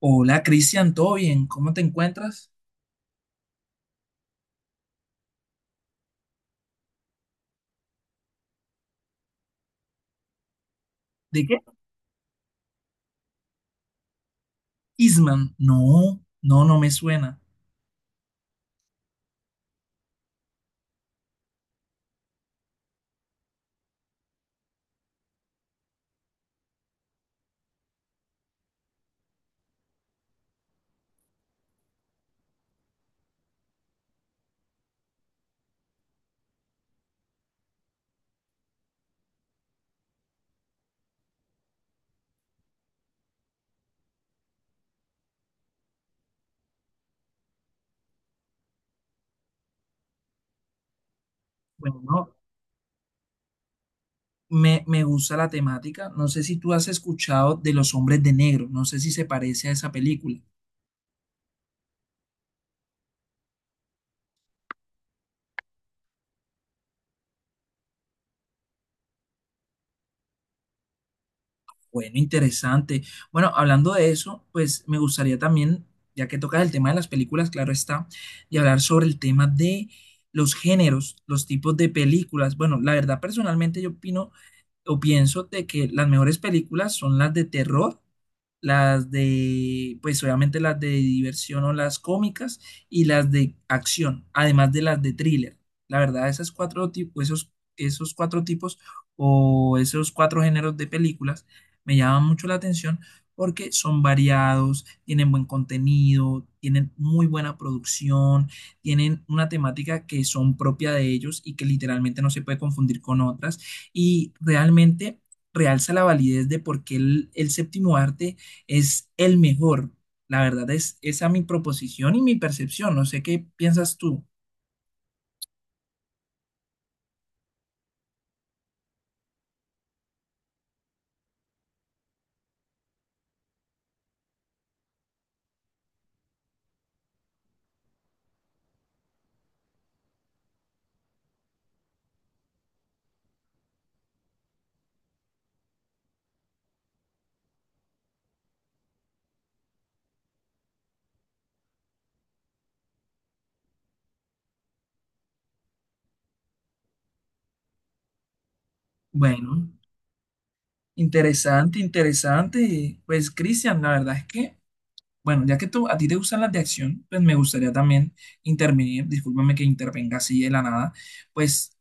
Hola Cristian, ¿todo bien? ¿Cómo te encuentras? ¿De qué? Isman, no, no, no me suena. Bueno, no, me gusta la temática. No sé si tú has escuchado de Los Hombres de Negro, no sé si se parece a esa película. Bueno, interesante. Bueno, hablando de eso, pues me gustaría también, ya que tocas el tema de las películas, claro está, y hablar sobre el tema de los géneros, los tipos de películas. Bueno, la verdad, personalmente yo opino o pienso de que las mejores películas son las de terror, las de, pues obviamente las de diversión o las cómicas y las de acción, además de las de thriller. La verdad, esas cuatro tipos, esos cuatro tipos esos cuatro géneros de películas me llaman mucho la atención porque son variados, tienen buen contenido, tienen muy buena producción, tienen una temática que son propia de ellos y que literalmente no se puede confundir con otras y realmente realza la validez de por qué el séptimo arte es el mejor. La verdad es esa mi proposición y mi percepción. No sé qué piensas tú. Bueno, interesante, interesante. Pues Cristian, la verdad es que, bueno, ya que tú, a ti te gustan las de acción, pues me gustaría también intervenir. Discúlpame que intervenga así de la nada. Pues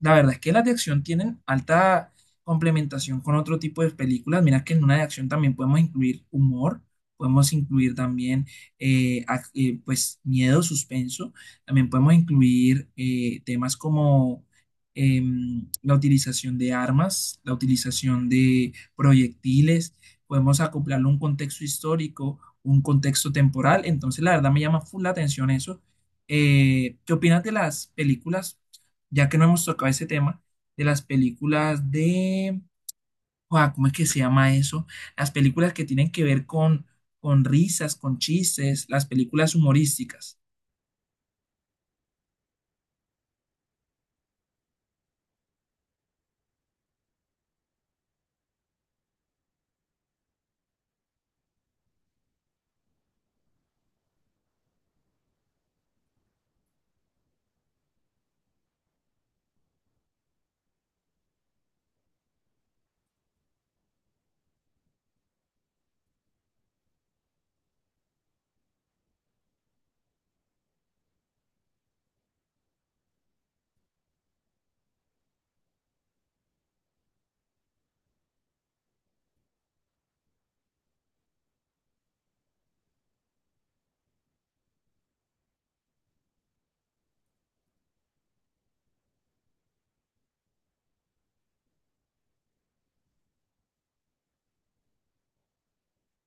la verdad es que las de acción tienen alta complementación con otro tipo de películas. Mira que en una de acción también podemos incluir humor, podemos incluir también pues miedo, suspenso, también podemos incluir temas como la utilización de armas, la utilización de proyectiles, podemos acoplarlo a un contexto histórico, un contexto temporal. Entonces, la verdad me llama full la atención eso. ¿Qué opinas de las películas? Ya que no hemos tocado ese tema, de las películas de, Joa, ¿cómo es que se llama eso? Las películas que tienen que ver con risas, con chistes, las películas humorísticas.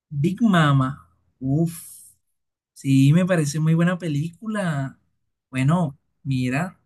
Big Mama, uff, sí, me parece muy buena película. Bueno, mira.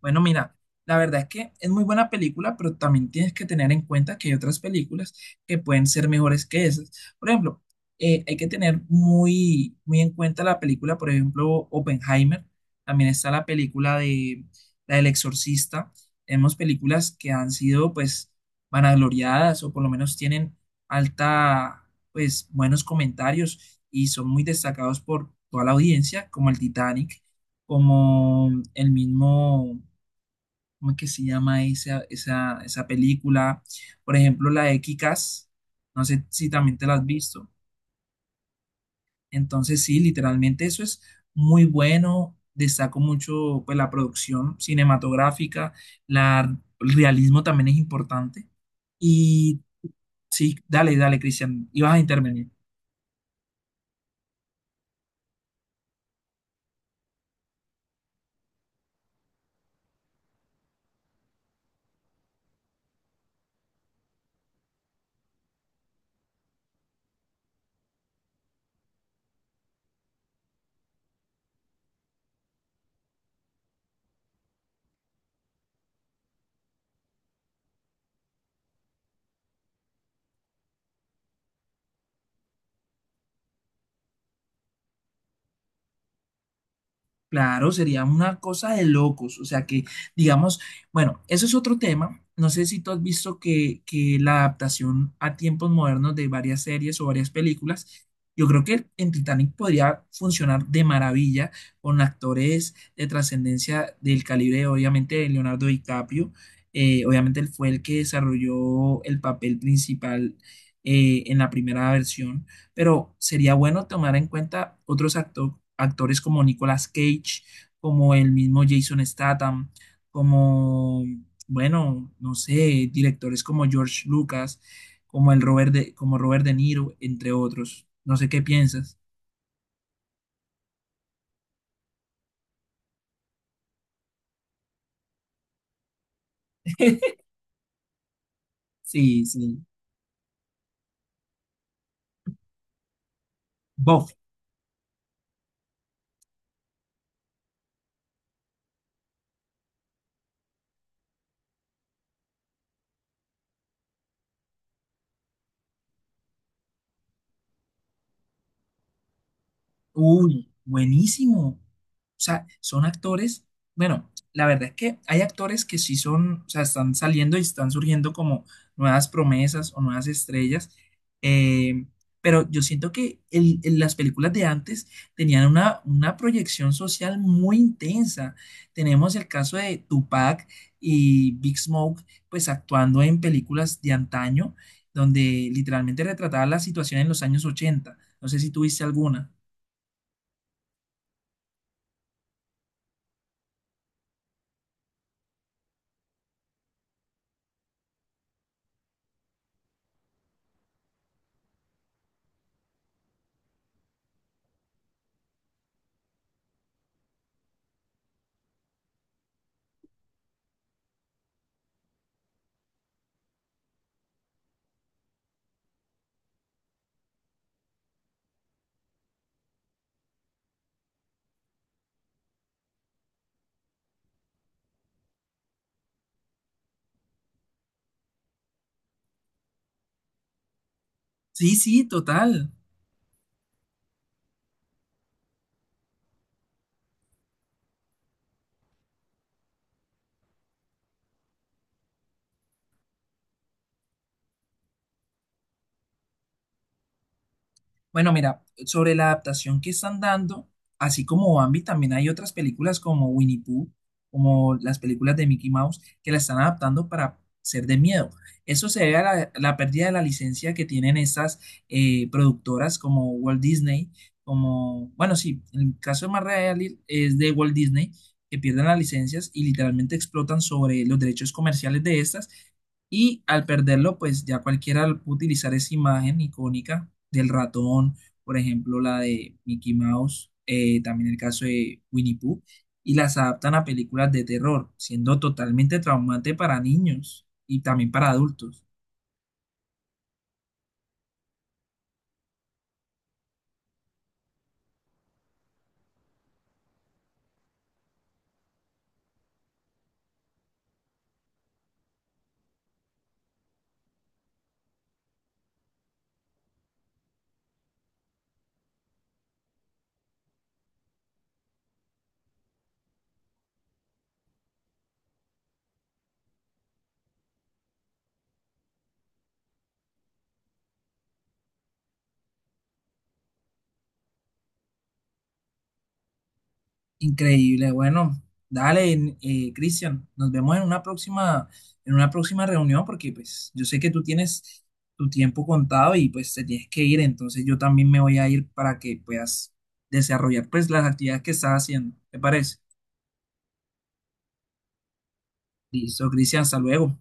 Bueno, mira, la verdad es que es muy buena película, pero también tienes que tener en cuenta que hay otras películas que pueden ser mejores que esas. Por ejemplo, hay que tener muy, muy en cuenta la película, por ejemplo, Oppenheimer. También está la película de la del Exorcista. Tenemos películas que han sido, pues, vanagloriadas o por lo menos tienen alta, pues, buenos comentarios y son muy destacados por toda la audiencia, como el Titanic, como el mismo. ¿Cómo es que se llama esa película? Por ejemplo, la de Kikas, no sé si también te la has visto. Entonces, sí, literalmente eso es muy bueno. Destaco mucho pues, la producción cinematográfica, la, el realismo también es importante. Y sí, dale, dale, Cristian, ibas a intervenir. Claro, sería una cosa de locos. O sea que, digamos, bueno, eso es otro tema. No sé si tú has visto que la adaptación a tiempos modernos de varias series o varias películas, yo creo que en Titanic podría funcionar de maravilla con actores de trascendencia del calibre, obviamente, de Leonardo DiCaprio. Obviamente él fue el que desarrolló el papel principal en la primera versión, pero sería bueno tomar en cuenta otros actores como Nicolas Cage, como el mismo Jason Statham, como, bueno, no sé, directores como George Lucas, como el como Robert De Niro, entre otros. No sé qué piensas. Sí, sí. Uy, buenísimo. O sea, son actores. Bueno, la verdad es que hay actores que sí son, o sea, están saliendo y están surgiendo como nuevas promesas o nuevas estrellas. eh, pero yo siento que las películas de antes tenían una proyección social muy intensa. Tenemos el caso de Tupac y Big Smoke, pues actuando en películas de antaño, donde literalmente retrataban la situación en los años 80. No sé si tuviste alguna. Sí, sí, total. Bueno, mira, sobre la adaptación que están dando, así como Bambi, también hay otras películas como Winnie Pooh, como las películas de Mickey Mouse, que la están adaptando para ser de miedo. Eso se debe a la pérdida de la licencia que tienen estas productoras como Walt Disney, como, bueno, sí, el caso más real es de Walt Disney, que pierden las licencias y literalmente explotan sobre los derechos comerciales de estas. Y al perderlo, pues ya cualquiera puede utilizar esa imagen icónica del ratón, por ejemplo, la de Mickey Mouse, también el caso de Winnie Pooh, y las adaptan a películas de terror, siendo totalmente traumante para niños y también para adultos. Increíble, bueno, dale, Cristian, nos vemos en una próxima reunión porque pues yo sé que tú tienes tu tiempo contado y pues te tienes que ir, entonces yo también me voy a ir para que puedas desarrollar pues las actividades que estás haciendo, ¿te parece? Listo, Cristian, hasta luego.